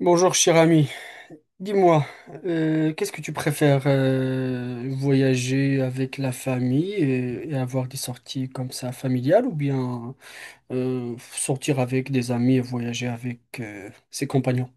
Bonjour cher ami, dis-moi, qu'est-ce que tu préfères, voyager avec la famille et avoir des sorties comme ça familiales, ou bien sortir avec des amis et voyager avec ses compagnons?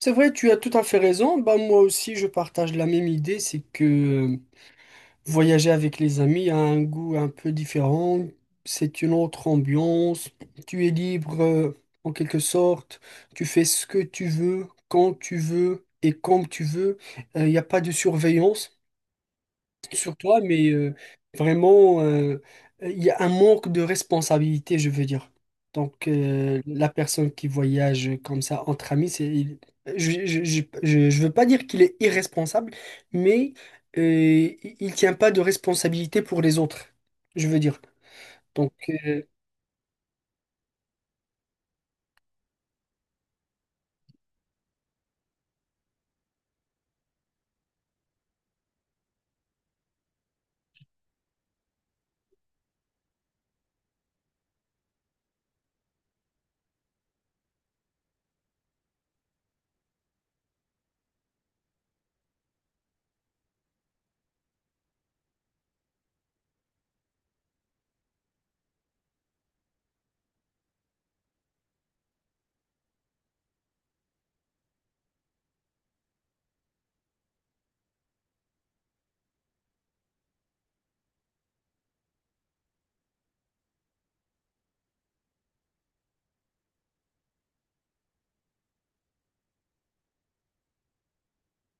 C'est vrai, tu as tout à fait raison. Bah moi aussi je partage la même idée. C'est que voyager avec les amis a un goût un peu différent, c'est une autre ambiance, tu es libre en quelque sorte, tu fais ce que tu veux, quand tu veux et comme tu veux. Il n'y a pas de surveillance sur toi, mais vraiment, il y a un manque de responsabilité, je veux dire. Donc, la personne qui voyage comme ça entre amis, c'est, je veux pas dire qu'il est irresponsable, mais il tient pas de responsabilité pour les autres, je veux dire. Donc, euh,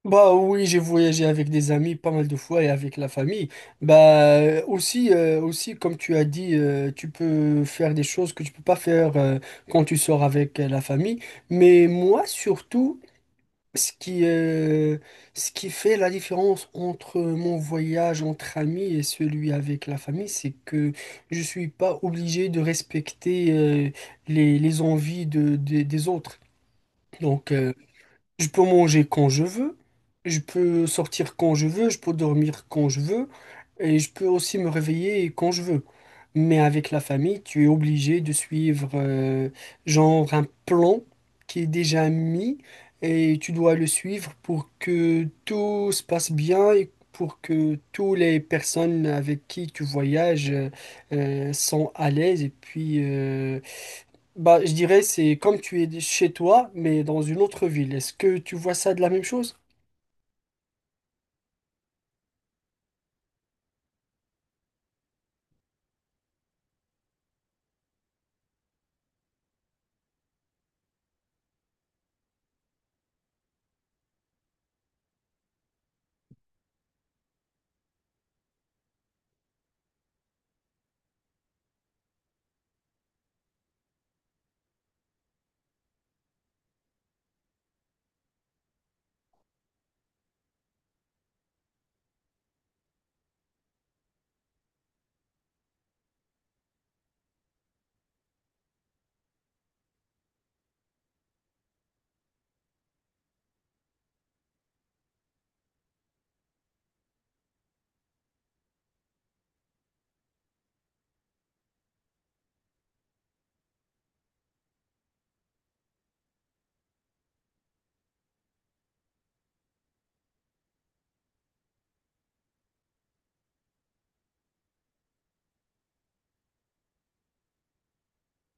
Bah oui, j'ai voyagé avec des amis pas mal de fois et avec la famille. Bah aussi, aussi comme tu as dit, tu peux faire des choses que tu peux pas faire quand tu sors avec la famille. Mais moi surtout, ce qui, euh, ce qui fait la différence entre mon voyage entre amis et celui avec la famille, c'est que je suis pas obligé de respecter les envies des autres. Donc je peux manger quand je veux, je peux sortir quand je veux, je peux dormir quand je veux, et je peux aussi me réveiller quand je veux. Mais avec la famille, tu es obligé de suivre genre un plan qui est déjà mis, et tu dois le suivre pour que tout se passe bien et pour que toutes les personnes avec qui tu voyages sont à l'aise, et puis bah, je dirais c'est comme tu es chez toi, mais dans une autre ville. Est-ce que tu vois ça de la même chose?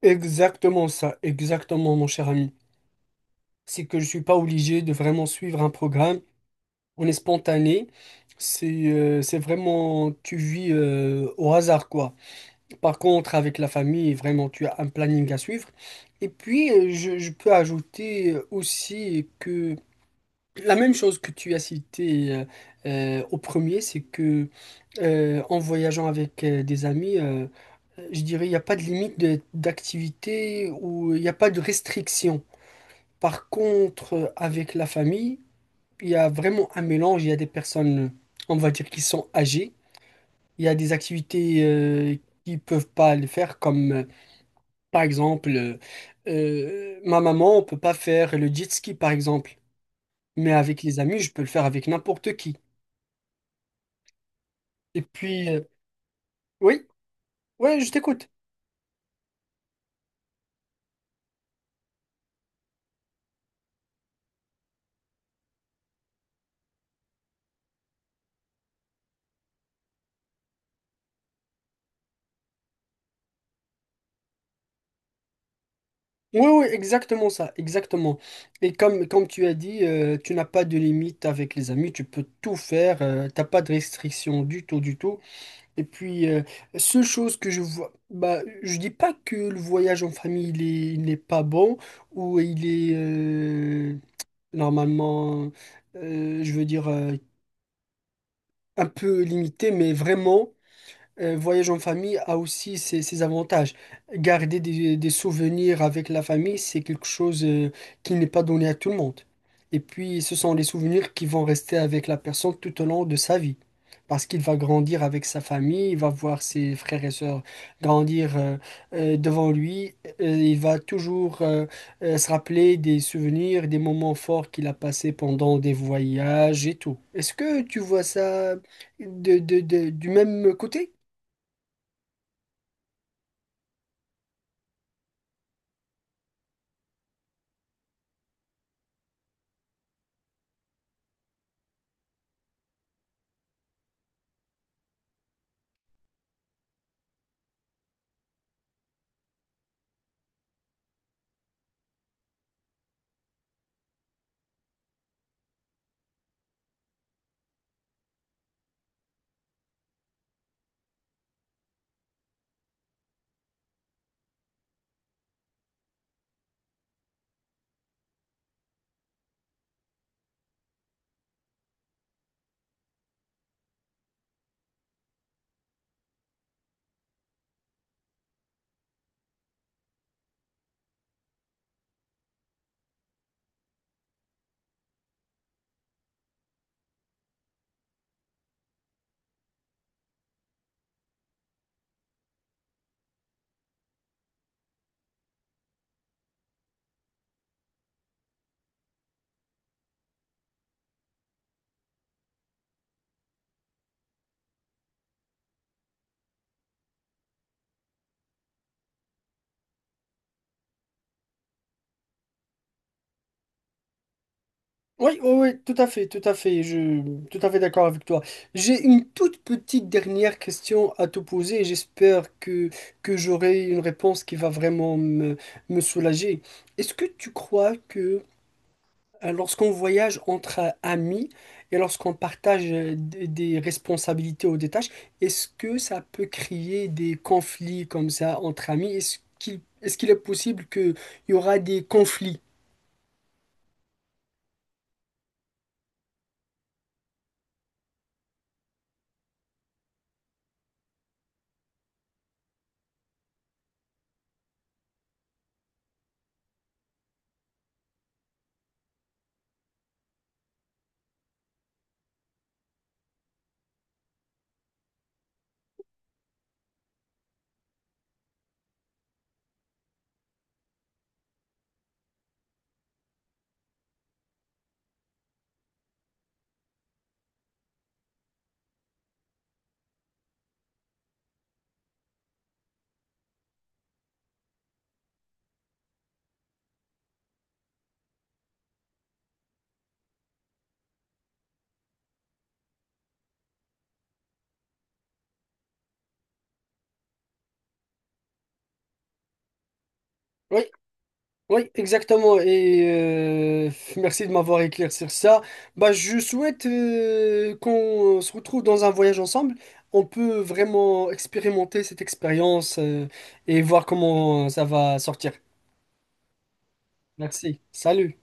Exactement ça, exactement mon cher ami. C'est que je suis pas obligé de vraiment suivre un programme. On est spontané. C'est vraiment tu vis au hasard quoi. Par contre, avec la famille, vraiment tu as un planning à suivre. Et puis je peux ajouter aussi que la même chose que tu as cité au premier, c'est que en voyageant avec des amis, je dirais, il n'y a pas de limite d'activité, ou il n'y a pas de restriction. Par contre, avec la famille, il y a vraiment un mélange. Il y a des personnes, on va dire, qui sont âgées. Il y a des activités qui ne peuvent pas le faire, comme par exemple, ma maman, on ne peut pas faire le jet ski, par exemple. Mais avec les amis, je peux le faire avec n'importe qui. Et puis, oui, ouais, je t'écoute. Oui, oui, exactement ça, exactement. Et comme, comme tu as dit, tu n'as pas de limite avec les amis, tu peux tout faire, t'as pas de restriction du tout, du tout. Et puis, seule chose que je vois, bah, je dis pas que le voyage en famille, il n'est pas bon, ou il est normalement, je veux dire, un peu limité, mais vraiment un voyage en famille a aussi ses avantages. Garder des souvenirs avec la famille, c'est quelque chose qui n'est pas donné à tout le monde. Et puis, ce sont les souvenirs qui vont rester avec la personne tout au long de sa vie. Parce qu'il va grandir avec sa famille, il va voir ses frères et sœurs grandir devant lui. Il va toujours se rappeler des souvenirs, des moments forts qu'il a passés pendant des voyages et tout. Est-ce que tu vois ça du même côté? Oui, oui, oui, tout à fait, je tout à fait d'accord avec toi. J'ai une toute petite dernière question à te poser, et j'espère que j'aurai une réponse qui va vraiment me, me soulager. Est-ce que tu crois que lorsqu'on voyage entre amis et lorsqu'on partage des responsabilités ou des tâches, est-ce que ça peut créer des conflits comme ça entre amis? Est-ce qu'il est possible qu'il y aura des conflits? Oui, oui, exactement. Et euh, merci de m'avoir éclairci sur ça. Bah, je souhaite qu'on se retrouve dans un voyage ensemble. On peut vraiment expérimenter cette expérience et voir comment ça va sortir. Merci. Salut.